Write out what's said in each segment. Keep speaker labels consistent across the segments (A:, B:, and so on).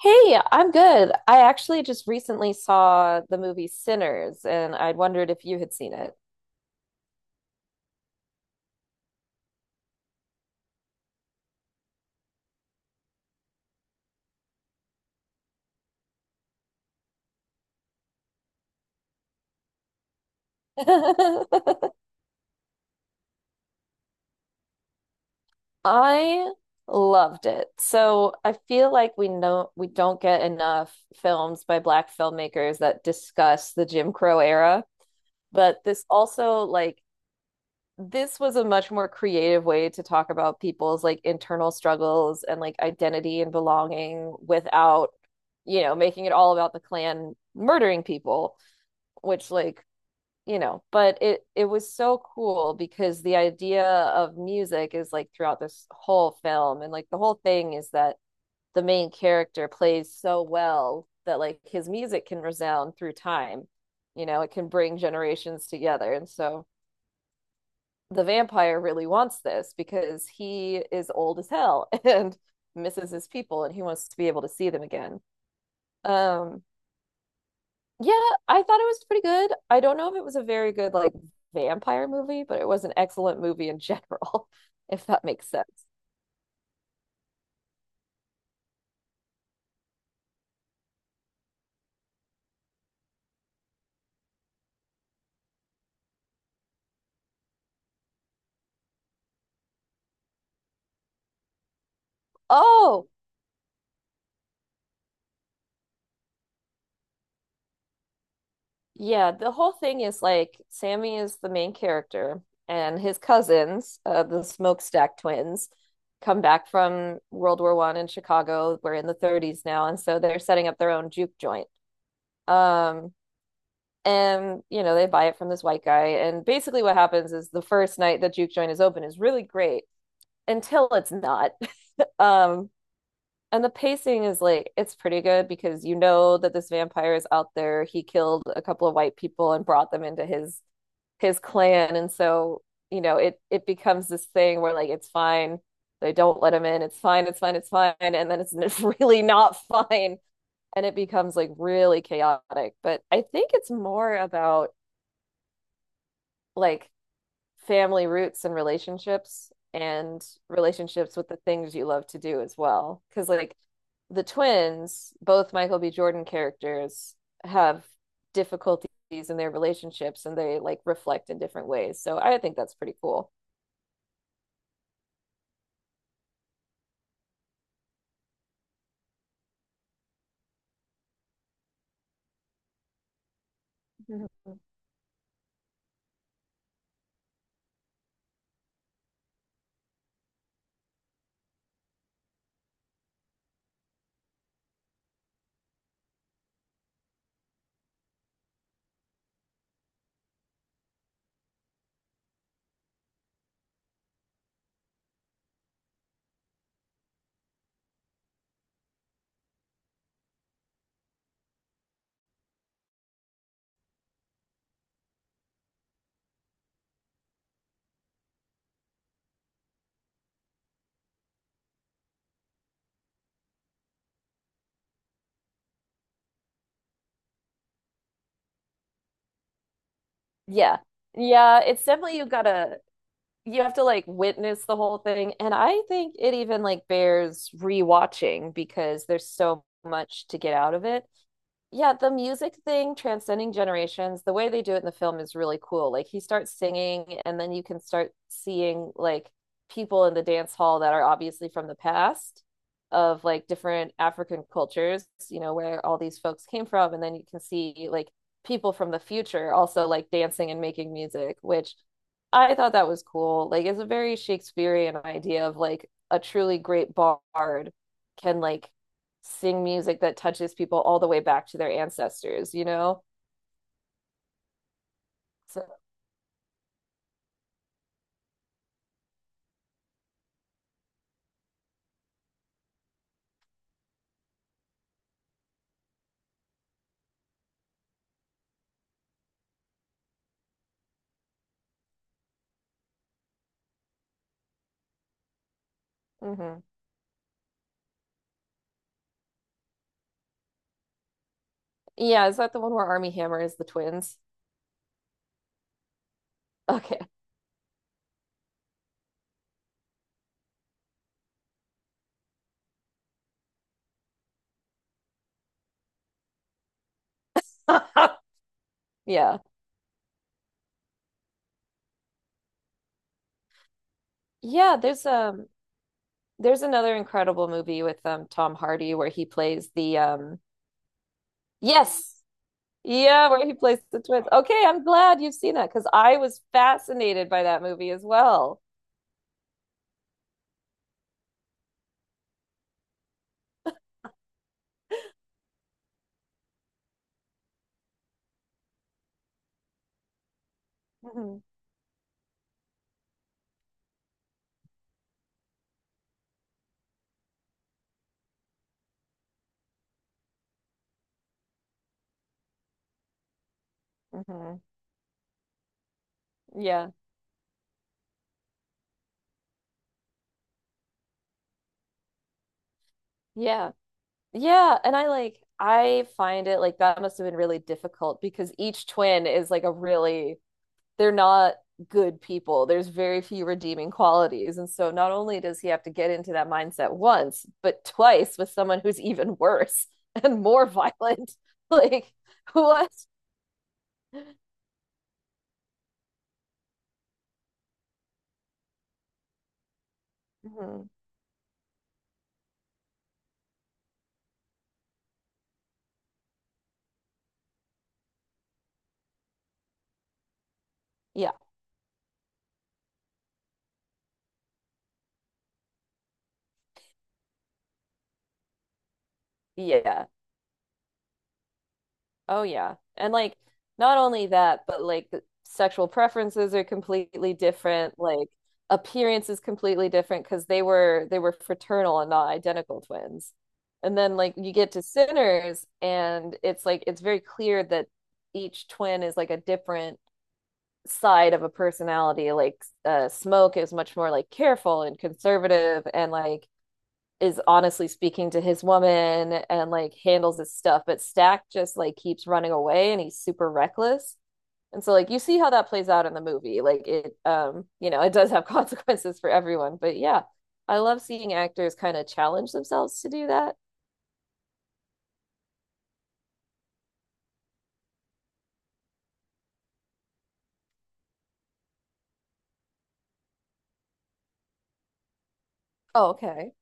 A: Hey, I'm good. I actually just recently saw the movie Sinners, and I wondered if you had seen it. I loved it. So I feel like we know we don't get enough films by Black filmmakers that discuss the Jim Crow era, but this also like this was a much more creative way to talk about people's like internal struggles and like identity and belonging without, making it all about the Klan murdering people. Which like but it was so cool because the idea of music is like throughout this whole film and like the whole thing is that the main character plays so well that like his music can resound through time, it can bring generations together. And so the vampire really wants this because he is old as hell and misses his people and he wants to be able to see them again. um Yeah, I thought it was pretty good. I don't know if it was a very good like vampire movie, but it was an excellent movie in general, if that makes sense. Oh, yeah, the whole thing is like Sammy is the main character and his cousins, the Smokestack twins, come back from World War I in Chicago. We're in the 30s now, and so they're setting up their own juke joint. Um, and they buy it from this white guy and basically what happens is the first night the juke joint is open is really great until it's not. Um, and the pacing is like it's pretty good because you know that this vampire is out there. He killed a couple of white people and brought them into his clan, and so it becomes this thing where like it's fine. They don't let him in. It's fine. It's fine. It's fine. And then it's really not fine, and it becomes like really chaotic. But I think it's more about like family roots and relationships with the things you love to do as well. Because, like, the twins, both Michael B. Jordan characters, have difficulties in their relationships and they like reflect in different ways. So I think that's pretty cool. Mhm. Yeah. Yeah, it's definitely you have to like witness the whole thing. And I think it even like bears rewatching because there's so much to get out of it. Yeah, the music thing, transcending generations, the way they do it in the film is really cool. Like he starts singing, and then you can start seeing like people in the dance hall that are obviously from the past of like different African cultures, where all these folks came from. And then you can see like people from the future also like dancing and making music, which I thought that was cool. Like it's a very Shakespearean idea of like a truly great bard can like sing music that touches people all the way back to their ancestors, you know? So, mhm. Yeah, is that the one where Army Hammer is the twins? Okay. Yeah. Yeah, there's another incredible movie with Tom Hardy where he plays the. Yes. Yeah, where he plays the twins. Okay, I'm glad you've seen that because I was fascinated by that movie as well. Hmm. Yeah. Yeah. Yeah. And I like, I find it like that must have been really difficult because each twin is like a really, they're not good people. There's very few redeeming qualities. And so not only does he have to get into that mindset once, but twice with someone who's even worse and more violent. Like, what? Mhm. Yeah. Yeah. Oh yeah. And like not only that, but like the sexual preferences are completely different, like appearance is completely different because they were fraternal and not identical twins. And then like you get to Sinners and it's like it's very clear that each twin is like a different side of a personality. Like Smoke is much more like careful and conservative and like is honestly speaking to his woman and like handles his stuff, but Stack just like keeps running away and he's super reckless. And so like you see how that plays out in the movie. Like it it does have consequences for everyone. But yeah, I love seeing actors kind of challenge themselves to do that. Oh, okay.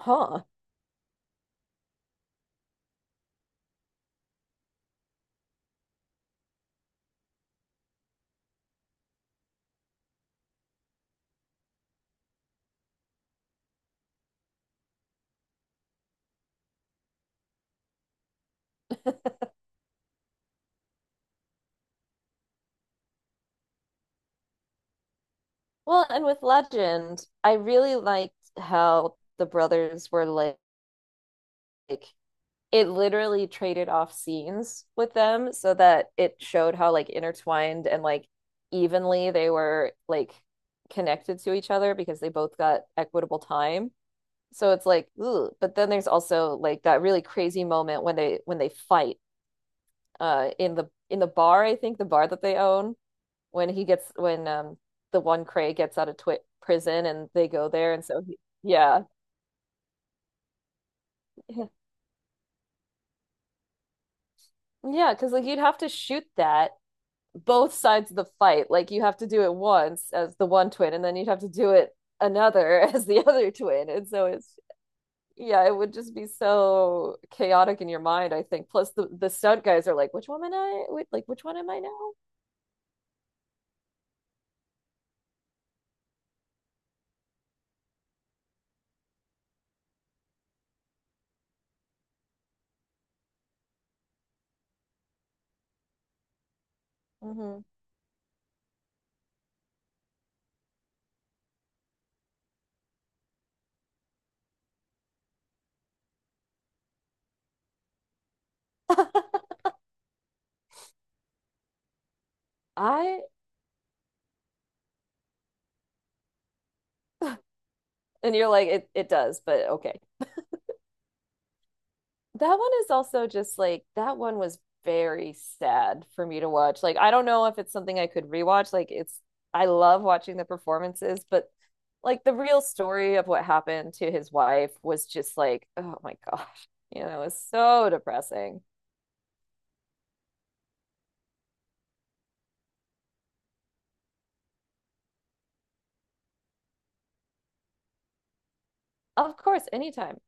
A: Huh. Well, and with Legend, I really liked how the brothers were like it literally traded off scenes with them so that it showed how like intertwined and like evenly they were like connected to each other because they both got equitable time. So it's like, ooh, but then there's also like that really crazy moment when they fight in the bar, I think the bar that they own when he gets when the one Cray gets out of twi prison and they go there and so he, yeah. Yeah, because like you'd have to shoot that both sides of the fight. Like you have to do it once as the one twin, and then you'd have to do it another as the other twin. And so it's yeah, it would just be so chaotic in your mind, I think. Plus the stunt guys are like, which one am I? Wait, like which one am I now? Hmm. I And you're like, it does, but okay. That one is also just like that one was very sad for me to watch. Like I don't know if it's something I could rewatch. Like it's I love watching the performances, but like the real story of what happened to his wife was just like, oh my gosh, it was so depressing. Of course, anytime.